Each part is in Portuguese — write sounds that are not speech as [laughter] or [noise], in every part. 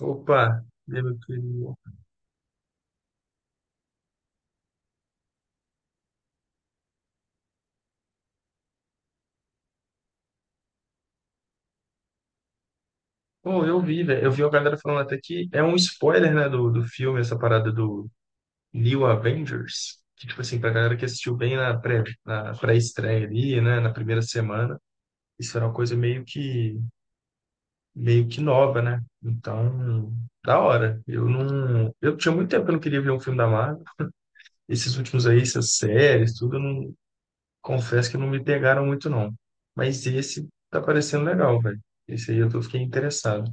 Opa, e meu querido? Pô, eu vi, velho. Eu vi a galera falando até que é um spoiler, né, do filme, essa parada do New Avengers. Que, tipo assim, pra galera que assistiu bem na pré-estreia ali, né, na primeira semana, isso era uma coisa meio que nova, né? Então, da hora. Eu não. Eu tinha muito tempo que eu não queria ver um filme da Marvel. Esses últimos aí, essas séries, tudo, eu não. Confesso que não me pegaram muito, não. Mas esse tá parecendo legal, velho. Esse aí eu tô, fiquei interessado.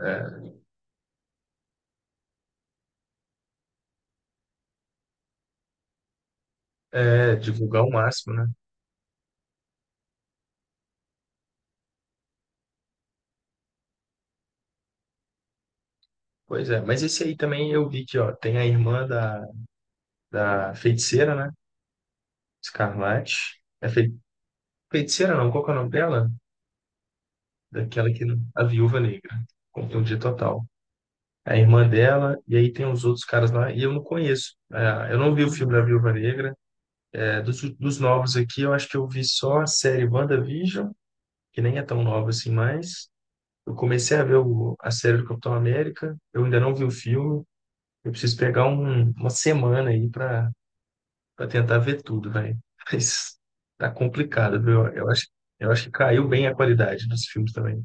É, Divulgar o máximo, né? Pois é, mas esse aí também eu vi que, ó, tem da feiticeira, né? Escarlate. Feiticeira não, qual que é o nome dela? Daquela que, a Viúva Negra, confundi total. É a irmã dela, e aí tem os outros caras lá, e eu não conheço. É, eu não vi o filme da Viúva Negra. É, dos novos aqui, eu acho que eu vi só a série WandaVision, que nem é tão nova assim mais. Eu comecei a ver o- A série do Capitão América, eu ainda não vi o filme. Eu preciso pegar um- Uma semana aí para tentar ver tudo, velho. [laughs] Mas tá complicado, viu? Eu acho que caiu bem a qualidade dos filmes também.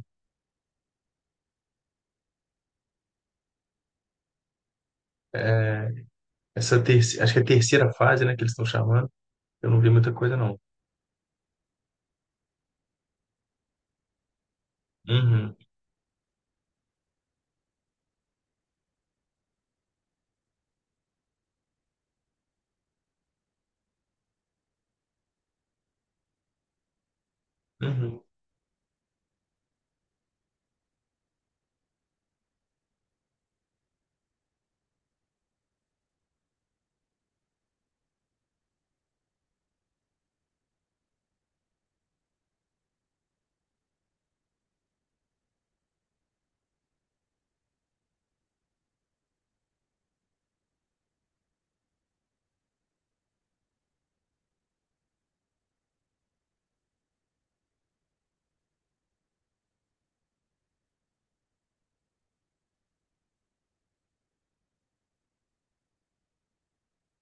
É, essa terceira, acho que é a terceira fase, né, que eles estão chamando. Eu não vi muita coisa, não. Uhum, uhum.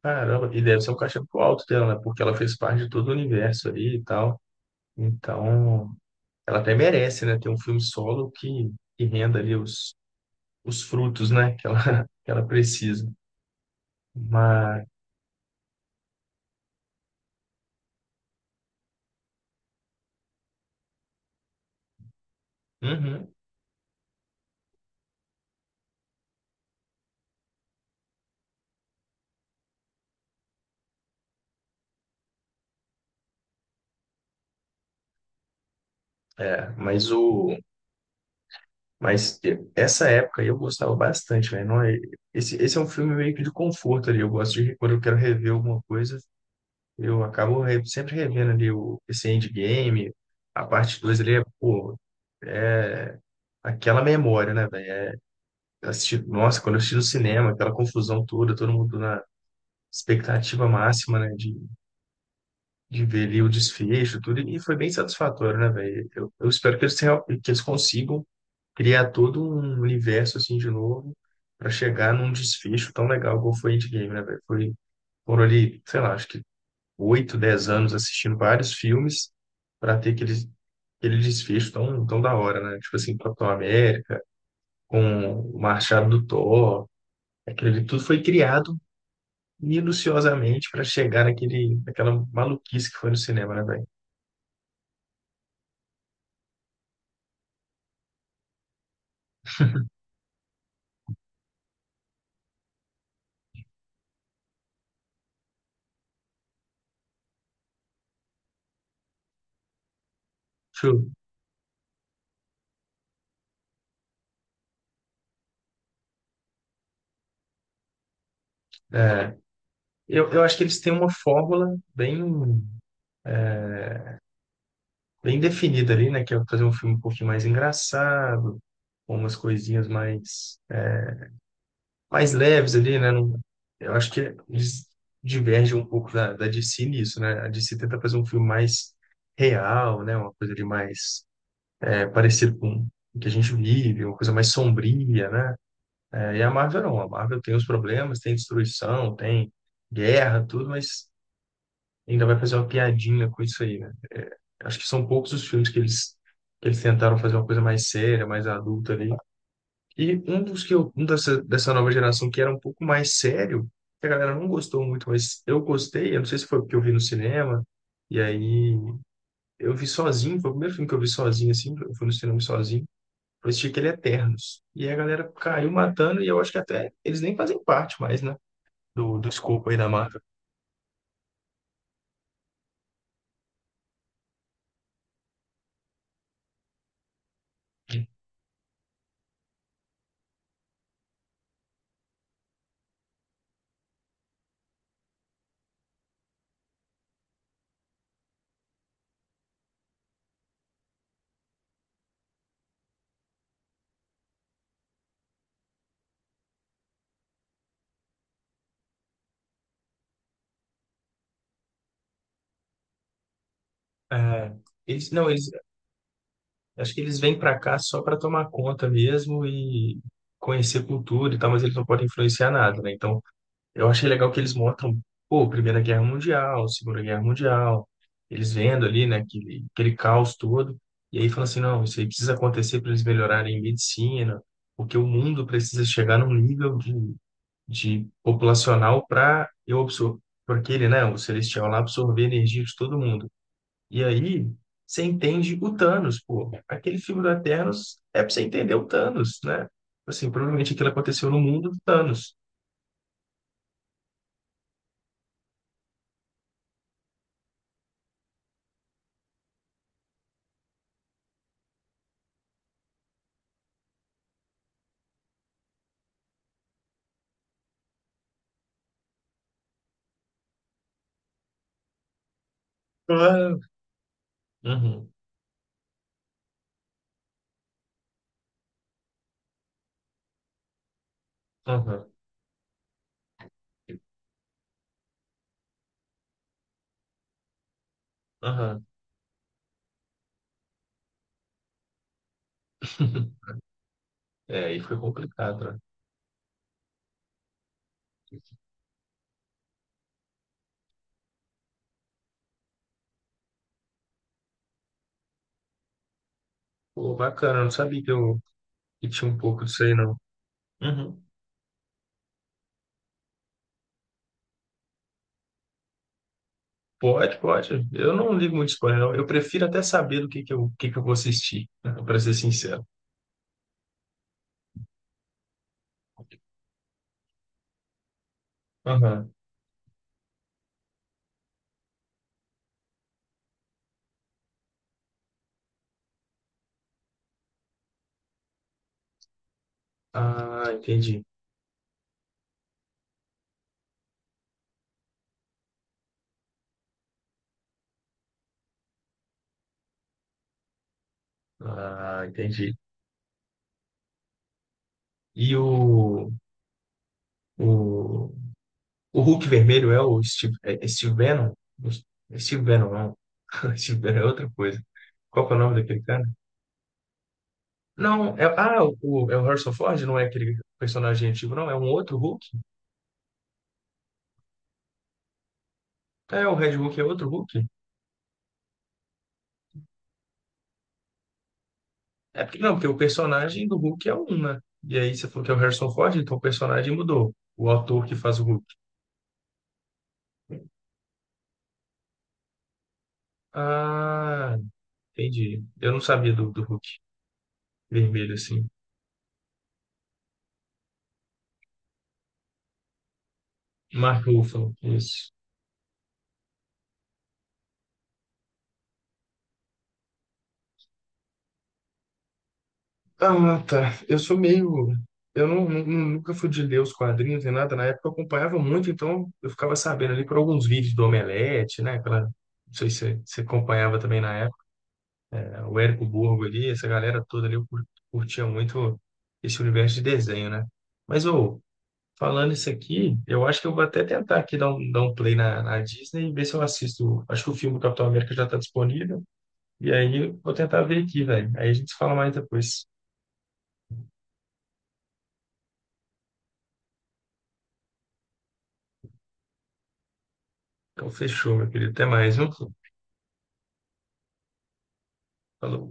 Caramba, e deve ser um cachê muito alto dela, né? Porque ela fez parte de todo o universo ali e tal. Então, ela até merece, né? Ter um filme solo que renda ali os frutos, né? Que ela, [laughs] que ela precisa. Mas, uhum. É, mas o mas Essa época aí eu gostava bastante, velho. Não é, esse é um filme meio que de conforto ali. Eu gosto de quando eu quero rever alguma coisa, eu acabo sempre revendo ali o esse Endgame, a parte 2 ali é, pô, é aquela memória, né, velho? Assisti, nossa, quando eu assisti no cinema, aquela confusão toda, todo mundo na expectativa máxima, né, de ver ali o desfecho, tudo, e foi bem satisfatório, né, velho? Eu espero que eles consigam criar todo um universo assim de novo para chegar num desfecho tão legal como foi Endgame, né, velho? Foi, foram ali, sei lá, acho que oito, dez anos assistindo vários filmes para ter aquele, aquele desfecho tão da hora, né? Tipo assim, Capitão América, com o Machado do Thor, aquilo ali tudo foi criado minuciosamente para chegar naquela maluquice que foi no cinema, né, velho? True. É, eu acho que eles têm uma fórmula bem definida ali, né? Que é fazer um filme um pouquinho mais engraçado, com umas mais leves ali, né? Não, eu acho que eles divergem um pouco da, da DC nisso, né? A DC tenta fazer um filme mais real, né? Uma coisa de mais é, parecido com o que a gente vive, uma coisa mais sombria, né? É, e a Marvel não. A Marvel tem os problemas, tem destruição, tem guerra, tudo, mas ainda vai fazer uma piadinha com isso aí, né? Acho que são poucos os filmes que eles tentaram fazer uma coisa mais séria, mais adulta ali. E um dos que eu, um dessa nova geração que era um pouco mais sério, que a galera não gostou muito, mas eu gostei. Eu não sei se foi porque eu vi no cinema, e aí eu vi sozinho, foi o primeiro filme que eu vi sozinho, assim, eu fui no cinema sozinho. Eu assisti aquele Eternos. E a galera caiu matando, e eu acho que até eles nem fazem parte mais, né? Do escopo aí da marca. É, eles, não, eles acho que eles vêm para cá só para tomar conta mesmo e conhecer cultura e tal, mas eles não podem influenciar nada, né? Então, eu achei legal que eles mostram, pô, Primeira Guerra Mundial, Segunda Guerra Mundial, eles vendo ali, né, aquele caos todo, e aí falam assim, não, isso aí precisa acontecer para eles melhorarem em medicina, porque o mundo precisa chegar num nível de populacional para eu absorver, porque ele, né, o celestial lá absorver a energia de todo mundo. E aí você entende o Thanos, pô. Aquele filme do Eternos é pra você entender o Thanos, né? Assim, provavelmente aquilo aconteceu no mundo do Thanos. Claro. Uhum, uhum, uhum. [laughs] É, aí foi complicado, né? Pô, bacana, eu não sabia que eu que tinha um pouco disso aí, não. Uhum. Pode, pode. Eu não ligo muito spoiler, não. Eu prefiro até saber do que eu, o que que eu vou assistir, [laughs] para ser sincero. Aham. Ah, entendi. Ah, entendi. E o, o, O Hulk vermelho é o Steve, é Steve Bannon? É Steve Bannon, não. [laughs] Steve Bannon é outra coisa. Qual que é o nome daquele cara? Não, é, ah, o, é o Harrison Ford, não é aquele personagem antigo, não, é um outro Hulk? É, o Red Hulk é outro Hulk? É porque, não, porque o personagem do Hulk é um, né? E aí você falou que é o Harrison Ford, então o personagem mudou. O ator que faz o Hulk. Ah, entendi. Eu não sabia do Hulk vermelho, assim. Mark Ruffalo, isso. Ah, tá. Eu sou meio. Eu não, nunca fui de ler os quadrinhos nem nada. Na época eu acompanhava muito, então eu ficava sabendo ali por alguns vídeos do Omelete, né? Aquela... Não sei se você acompanhava também na época. Né? O Érico Borgo ali, essa galera toda ali, curtia muito esse universo de desenho, né? Mas, ô, falando isso aqui, eu acho que eu vou até tentar aqui dar um play na Disney e ver se eu assisto. Acho que o filme do Capitão América já tá disponível. E aí eu vou tentar ver aqui, velho. Aí a gente fala mais depois. Então, fechou, meu querido. Até mais, viu? Falou.